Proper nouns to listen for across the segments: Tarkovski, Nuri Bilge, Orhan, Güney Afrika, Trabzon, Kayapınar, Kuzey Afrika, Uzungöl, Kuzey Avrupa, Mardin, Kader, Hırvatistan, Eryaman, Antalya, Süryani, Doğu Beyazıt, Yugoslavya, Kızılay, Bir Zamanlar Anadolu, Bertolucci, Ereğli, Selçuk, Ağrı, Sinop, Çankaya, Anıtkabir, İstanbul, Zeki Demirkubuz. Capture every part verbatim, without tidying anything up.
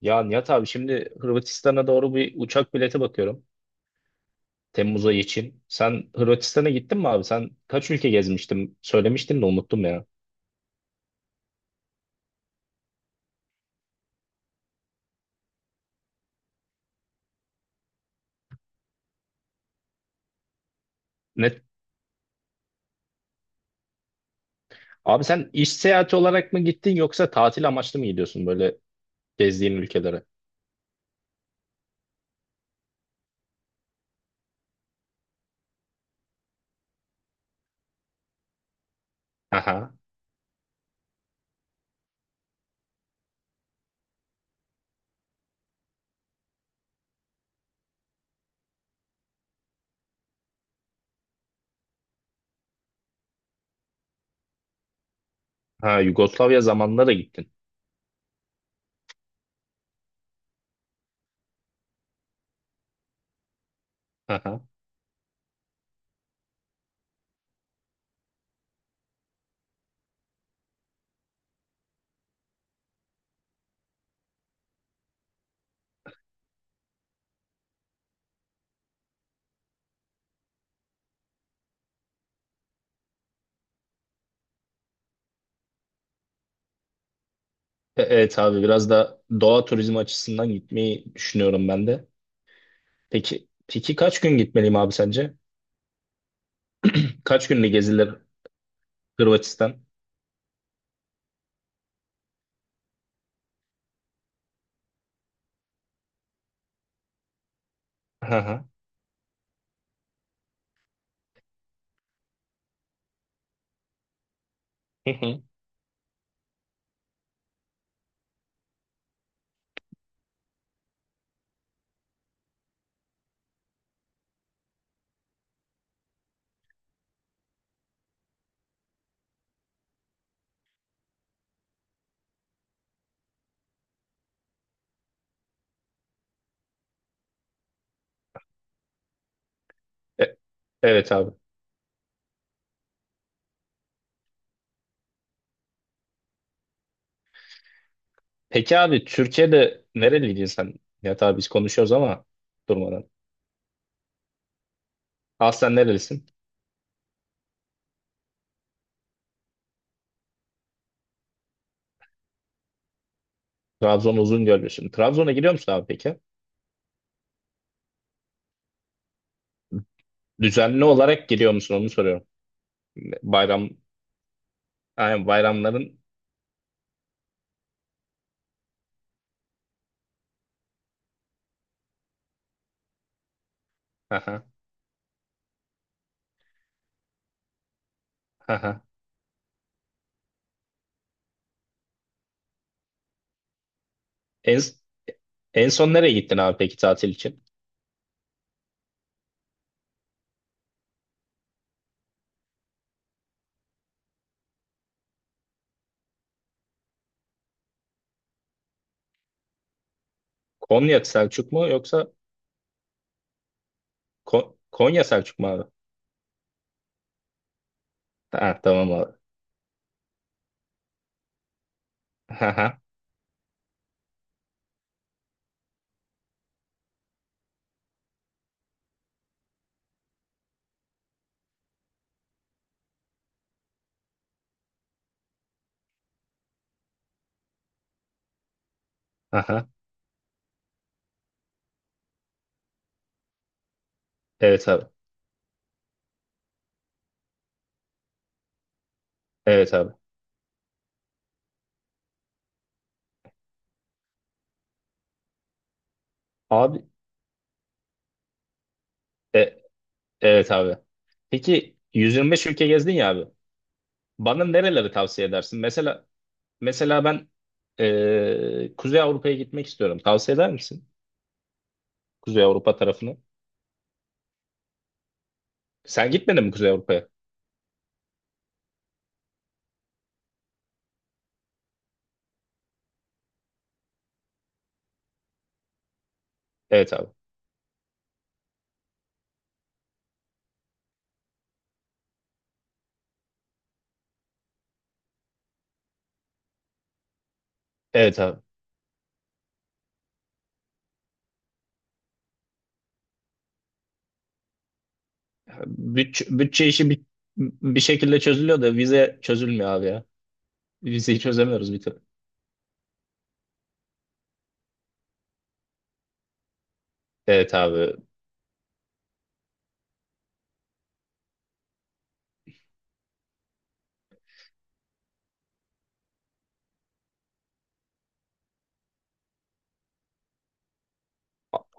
Ya Nihat abi şimdi Hırvatistan'a doğru bir uçak bileti bakıyorum. Temmuz ayı için. Sen Hırvatistan'a gittin mi abi? Sen kaç ülke gezmiştin? Söylemiştin de unuttum ya. Net. Abi sen iş seyahati olarak mı gittin yoksa tatil amaçlı mı gidiyorsun böyle gezdiğin ülkelere? Aha. Ha, Yugoslavya zamanında da gittin. Aha. E- evet abi, biraz da doğa turizmi açısından gitmeyi düşünüyorum ben de. Peki peki kaç gün gitmeliyim abi sence? Kaç günlük gezilir Hırvatistan? Aha. Hı hı. E- evet abi. Peki abi, Türkiye'de nereliydin sen? Ya tabii biz konuşuyoruz ama durmadan. Aslen nerelisin? Trabzon Uzungöllüsün. Trabzon'a gidiyor musun abi peki? Düzenli olarak gidiyor musun, onu soruyorum. Bayram, aynen, bayramların. Aha, aha. En, en son nereye gittin abi peki tatil için? Konya Selçuk mu yoksa Ko- Konya Selçuk mu abi? Ha, tamam abi. Aha, aha. Evet abi. Evet abi. Abi, e- evet abi. Peki yüz yirmi beş ülke gezdin ya abi. Bana nereleri tavsiye edersin? Mesela mesela ben eee, Kuzey Avrupa'ya gitmek istiyorum. Tavsiye eder misin? Kuzey Avrupa tarafını. Sen gitmedin mi Kuzey Avrupa'ya? Evet abi. Evet abi. Bütçe, bütçe işi bir, bir şekilde çözülüyor da vize çözülmüyor abi ya. Vizeyi çözemiyoruz bir türlü. Evet abi.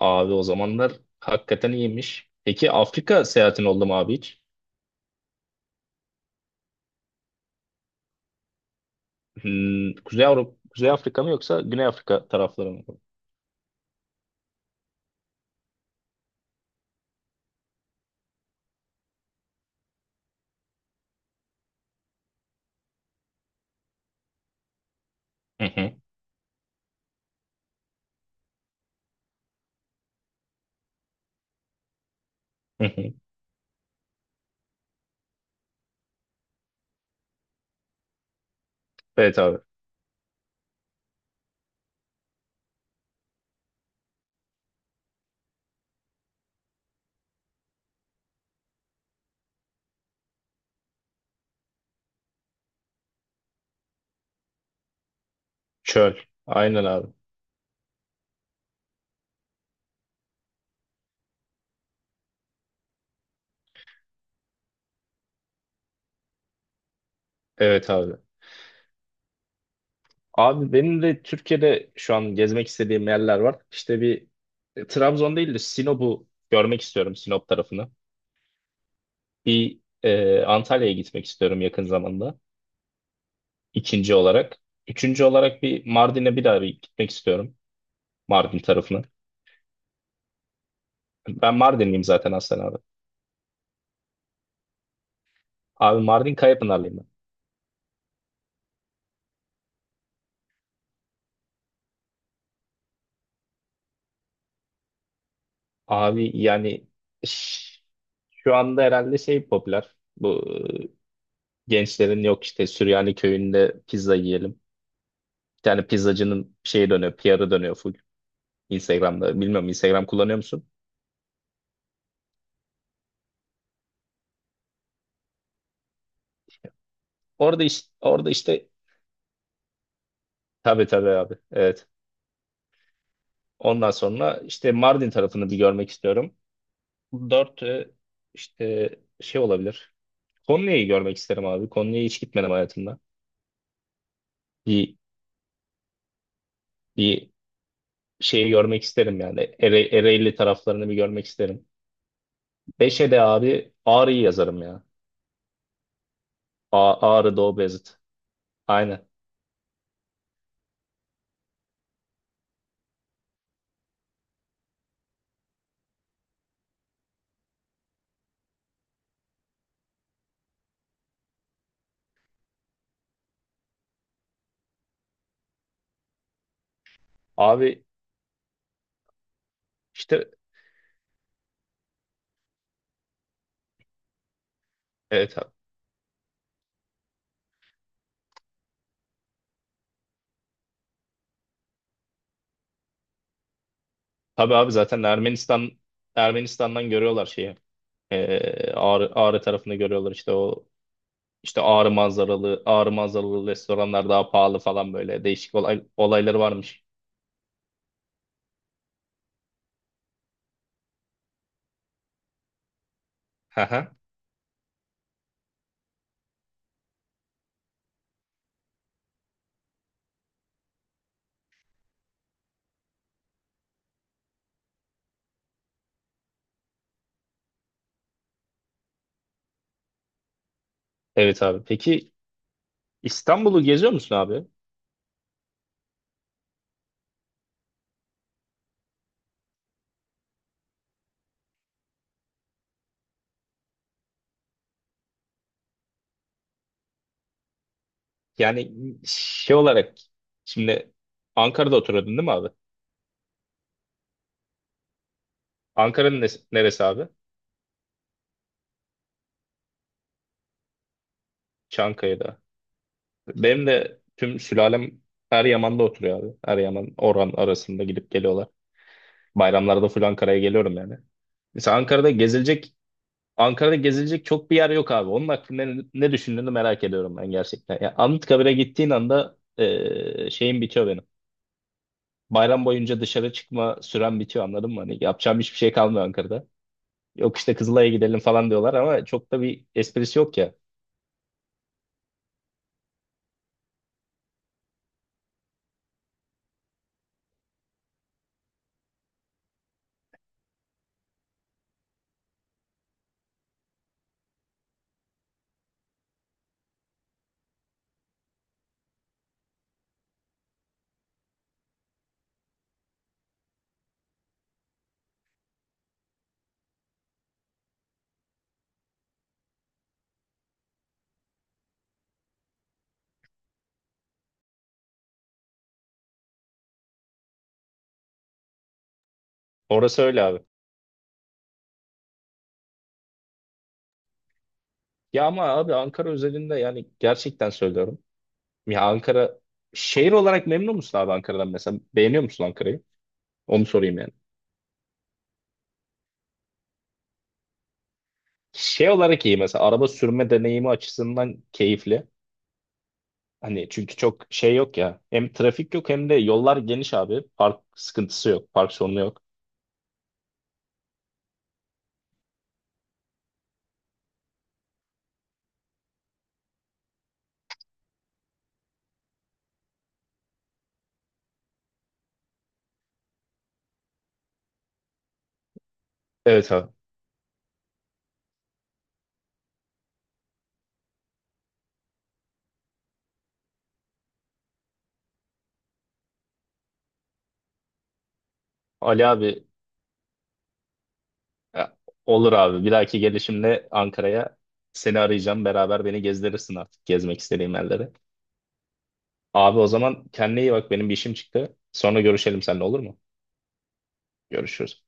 Abi o zamanlar hakikaten iyiymiş. Peki Afrika seyahatin oldu mu abi hiç? Hmm, Kuzey Avrupa, Kuzey Afrika mı yoksa Güney Afrika tarafları mı? Hı hı, hı hı. Evet abi. Çöl. Aynen abi. Evet abi. Abi benim de Türkiye'de şu an gezmek istediğim yerler var. İşte bir e, Trabzon değil de Sinop'u görmek istiyorum, Sinop tarafını. Bir e, Antalya'ya gitmek istiyorum yakın zamanda. İkinci olarak. Üçüncü olarak bir Mardin'e bir daha bir gitmek istiyorum. Mardin tarafına. Ben Mardinliyim zaten aslen abi. Abi, Mardin Kayapınarlıyım ben. Abi yani ş- şu anda herhalde şey popüler. Bu e, gençlerin yok işte, Süryani köyünde pizza yiyelim. Bir tane pizzacının şeye dönüyor, P R'ı dönüyor full Instagram'da. Bilmiyorum, Instagram kullanıyor musun? Orada işte, orada işte tabii, tabii abi. Evet. Ondan sonra işte Mardin tarafını bir görmek istiyorum. Dört e, işte şey olabilir. Konya'yı görmek isterim abi. Konya'ya hiç gitmedim hayatımda. Bir bir şeyi görmek isterim yani. Ere, Ereğli taraflarını bir görmek isterim. Beşe de abi, Ağrı'yı yazarım ya. A, Ağrı Doğu Beyazıt. Aynen. Abi işte evet. Tabii abi zaten Ermenistan Ermenistan'dan görüyorlar şeyi. Ee, Ağrı, Ağrı tarafında görüyorlar işte o, işte Ağrı manzaralı Ağrı manzaralı restoranlar daha pahalı falan, böyle değişik olay, olayları varmış. Haha. Evet abi. Peki İstanbul'u geziyor musun abi? Yani şey olarak şimdi Ankara'da oturuyordun değil mi abi? Ankara'nın nes- neresi abi? Çankaya'da. Benim de tüm sülalem Eryaman'da oturuyor abi. Eryaman, Orhan arasında gidip geliyorlar. Bayramlarda full Ankara'ya geliyorum yani. Mesela Ankara'da gezilecek Ankara'da gezilecek çok bir yer yok abi. Onun hakkında ne, ne düşündüğünü merak ediyorum ben gerçekten. Ya Anıtkabir'e gittiğin anda e, şeyim bitiyor benim. Bayram boyunca dışarı çıkma süren bitiyor, anladın mı? Hani yapacağım hiçbir şey kalmıyor Ankara'da. Yok işte, Kızılay'a gidelim falan diyorlar ama çok da bir esprisi yok ya. Orası öyle abi. Ya ama abi, Ankara özelinde yani, gerçekten söylüyorum. Ya Ankara şehir olarak memnun musun abi, Ankara'dan mesela? Beğeniyor musun Ankara'yı? Onu sorayım yani. Şey olarak iyi mesela, araba sürme deneyimi açısından keyifli. Hani çünkü çok şey yok ya. Hem trafik yok, hem de yollar geniş abi. Park sıkıntısı yok. Park sorunu yok. Evet abi. Ali abi ya, olur abi. Bir dahaki gelişimde Ankara'ya seni arayacağım. Beraber beni gezdirirsin artık gezmek istediğim yerleri. Abi o zaman kendine iyi bak. Benim bir işim çıktı. Sonra görüşelim seninle, olur mu? Görüşürüz.